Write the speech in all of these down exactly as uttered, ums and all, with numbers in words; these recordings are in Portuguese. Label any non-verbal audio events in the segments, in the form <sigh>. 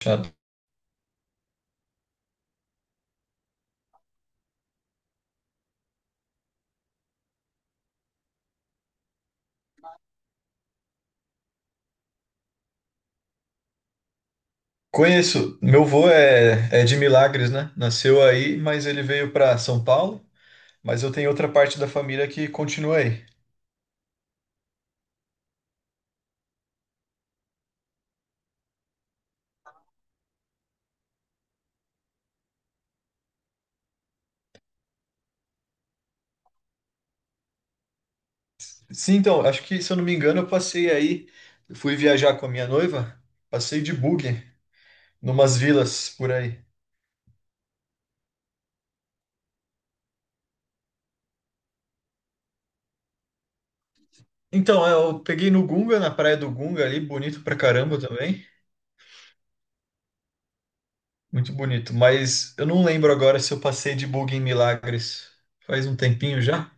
Chato. Conheço. Meu avô é, é de Milagres, né? Nasceu aí, mas ele veio para São Paulo. Mas eu tenho outra parte da família que continua aí. Sim, então, acho que, se eu não me engano, eu passei aí. Eu fui viajar com a minha noiva, passei de buggy, numas vilas por aí. Então, é, eu peguei no Gunga, na praia do Gunga ali, bonito pra caramba também. Muito bonito. Mas eu não lembro agora se eu passei de buggy em Milagres. Faz um tempinho já?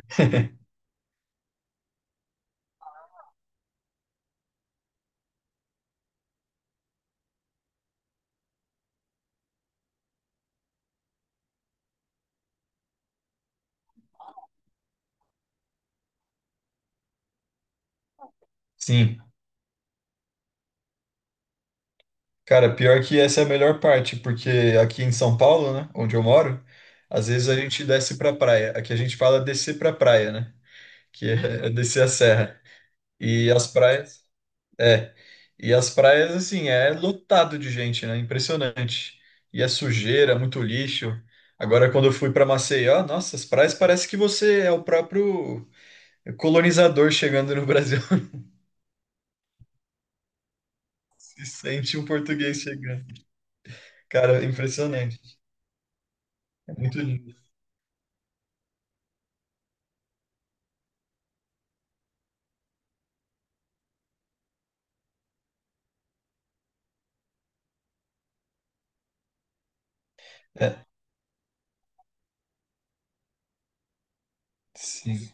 <laughs> Sim. Cara, pior que essa é a melhor parte, porque aqui em São Paulo, né, onde eu moro, às vezes a gente desce pra praia. Aqui a gente fala descer pra praia, né? Que é, é uhum, descer a serra. E as praias, é. E as praias, assim, é lotado de gente, né? Impressionante. E é sujeira, é muito lixo. Agora, quando eu fui pra Maceió, nossa, as praias parece que você é o próprio colonizador chegando no Brasil. <laughs> Se sente um português chegando. Cara, impressionante. É muito lindo. É, sim.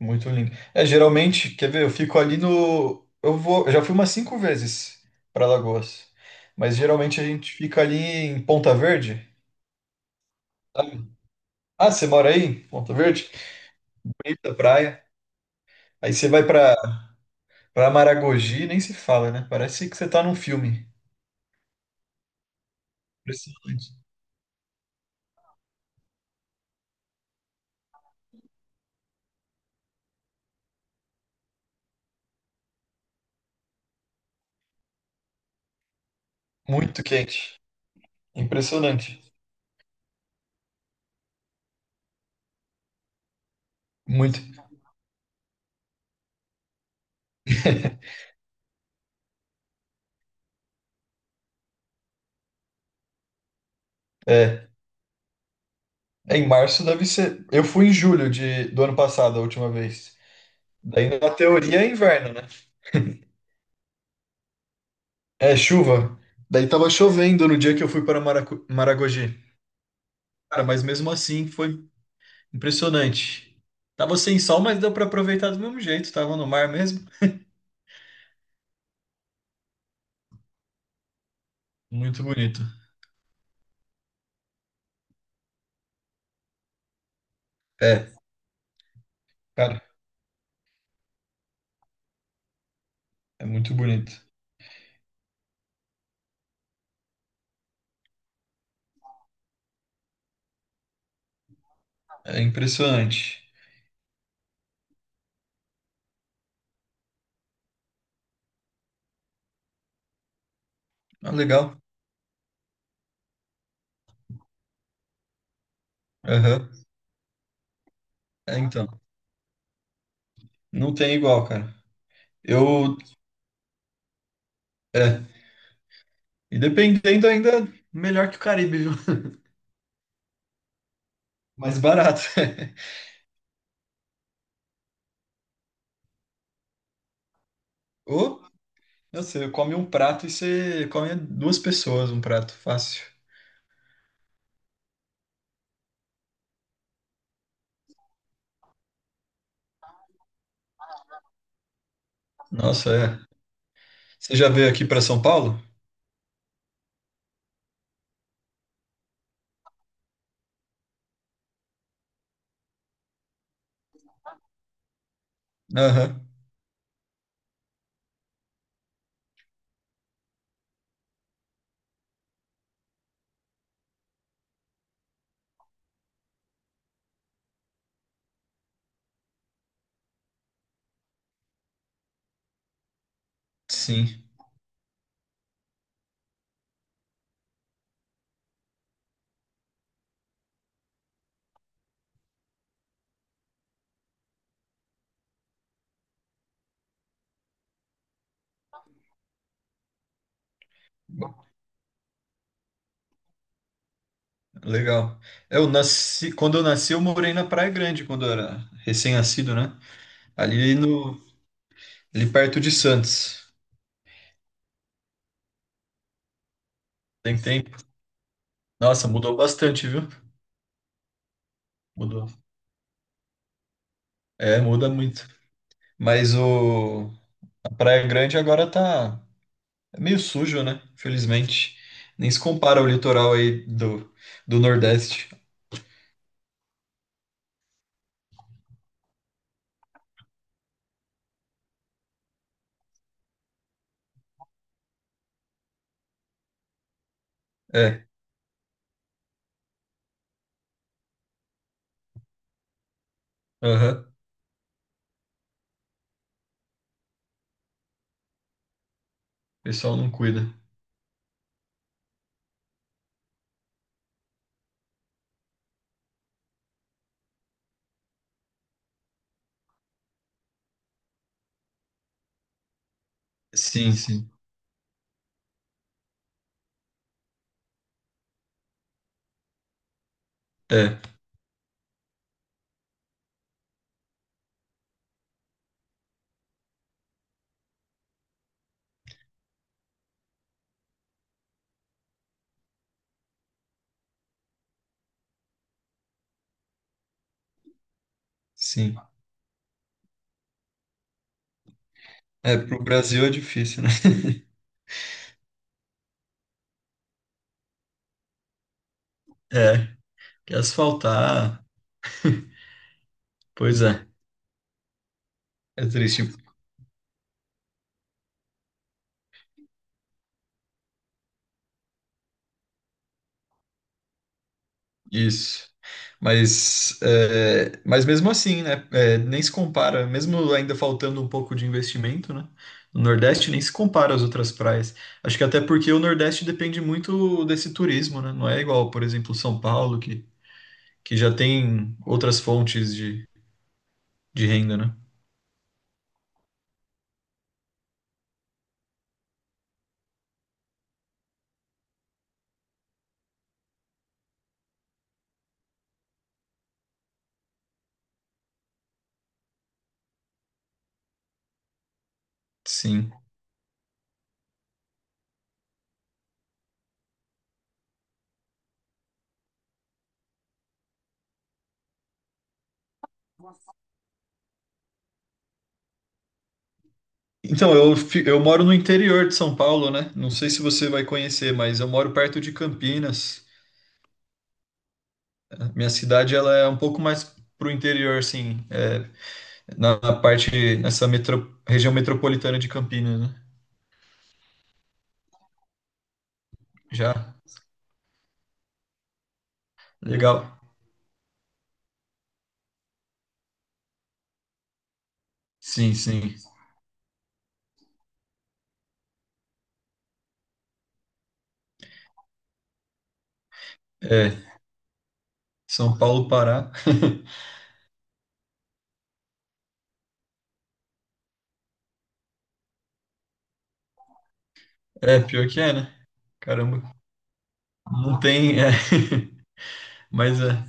Muito lindo. É, geralmente, quer ver, eu fico ali no. Eu vou, eu já fui umas cinco vezes para Lagoas. Mas geralmente a gente fica ali em Ponta Verde. Sabe? Ah, você mora aí? Em Ponta Verde? Bonita praia. Aí você vai para para Maragogi, nem se fala, né? Parece que você tá num filme. Impressionante. Muito quente. Impressionante. Muito. <laughs> É, é, em março deve ser. Eu fui em julho de, do ano passado, a última vez. Daí, na teoria, é inverno, né? É chuva. Daí tava chovendo no dia que eu fui para Maracu- Maragogi. Cara, mas mesmo assim foi impressionante. Tava sem sol, mas deu para aproveitar do mesmo jeito. Tava no mar mesmo. Muito bonito. É, cara, é muito bonito. É impressionante. Ah, legal. Aham. É, então. Não tem igual, cara. Eu. É. E dependendo ainda, melhor que o Caribe, viu? Mais barato. <laughs> Ou, não sei, come um prato e você come duas pessoas um prato. Fácil. Nossa, é. Você já veio aqui para São Paulo? Aham, sim. Legal. Eu nasci, quando eu nasci, eu morei na Praia Grande, quando eu era recém-nascido, né? Ali no, ali perto de Santos. Tem tempo. Nossa, mudou bastante, viu? Mudou. É, muda muito. Mas o a Praia Grande agora tá é meio sujo, né? Infelizmente. Nem se compara ao litoral aí do, do Nordeste. É. Aham. O pessoal não cuida. Sim, sim. É, sim. É, pro Brasil é difícil, né? É, que asfaltar, pois é. É triste isso. Mas, é, mas mesmo assim, né? É, nem se compara, mesmo ainda faltando um pouco de investimento, né? O Nordeste nem se compara às outras praias. Acho que até porque o Nordeste depende muito desse turismo, né? Não é igual, por exemplo, São Paulo, que, que já tem outras fontes de, de renda, né? Sim. Então, eu, fi- eu moro no interior de São Paulo, né? Não sei se você vai conhecer, mas eu moro perto de Campinas. Minha cidade, ela é um pouco mais pro interior, assim, é, na na parte, nessa metro- região metropolitana de Campinas, né? Já? Legal. Sim, sim. É, São Paulo, Pará. <laughs> É, pior que é, né? Caramba, não tem, é. <laughs> Mas é.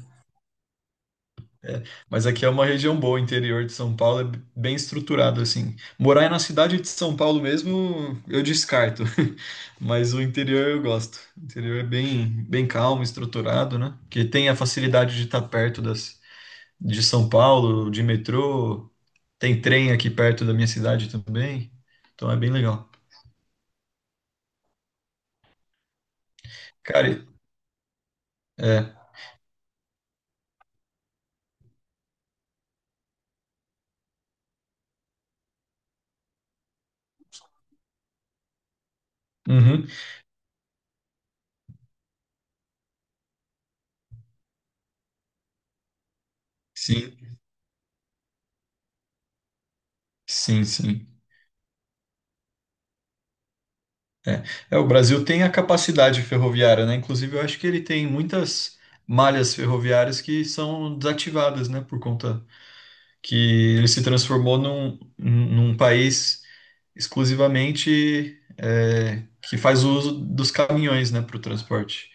Mas aqui é uma região boa, o interior de São Paulo é b- bem estruturado, assim. Morar aí na cidade de São Paulo mesmo, eu descarto. <laughs> Mas o interior eu gosto. O interior é bem, bem calmo, estruturado, né? Que tem a facilidade de estar perto das, de São Paulo, de metrô. Tem trem aqui perto da minha cidade também. Então é bem legal. Cara, é. Uhum. Sim, sim, sim. É, É, o Brasil tem a capacidade ferroviária, né? Inclusive, eu acho que ele tem muitas malhas ferroviárias que são desativadas, né? Por conta que ele se transformou num, num país exclusivamente é, que faz uso dos caminhões, né, para o transporte.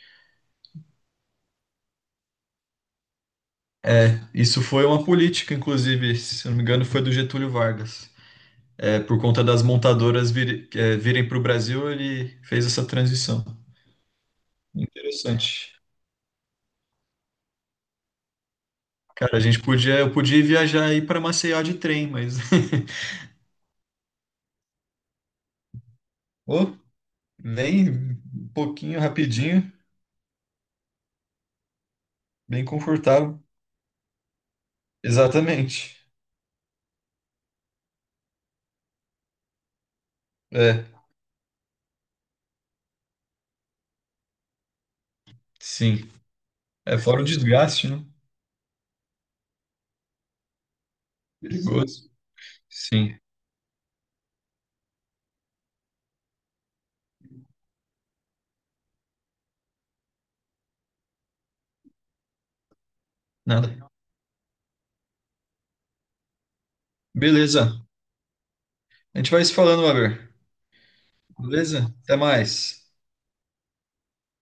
Isso foi uma política, inclusive, se eu não me engano, foi do Getúlio Vargas. É, por conta das montadoras vir- é, virem para o Brasil, ele fez essa transição. Interessante. Cara, a gente podia, eu podia viajar aí para Maceió de trem, mas <laughs> Ô, nem um pouquinho, rapidinho, bem confortável. Exatamente. É, sim. É fora o desgaste, né? Perigoso. Sim. Nada. Beleza. A gente vai se falando, Weber. Beleza? Até mais.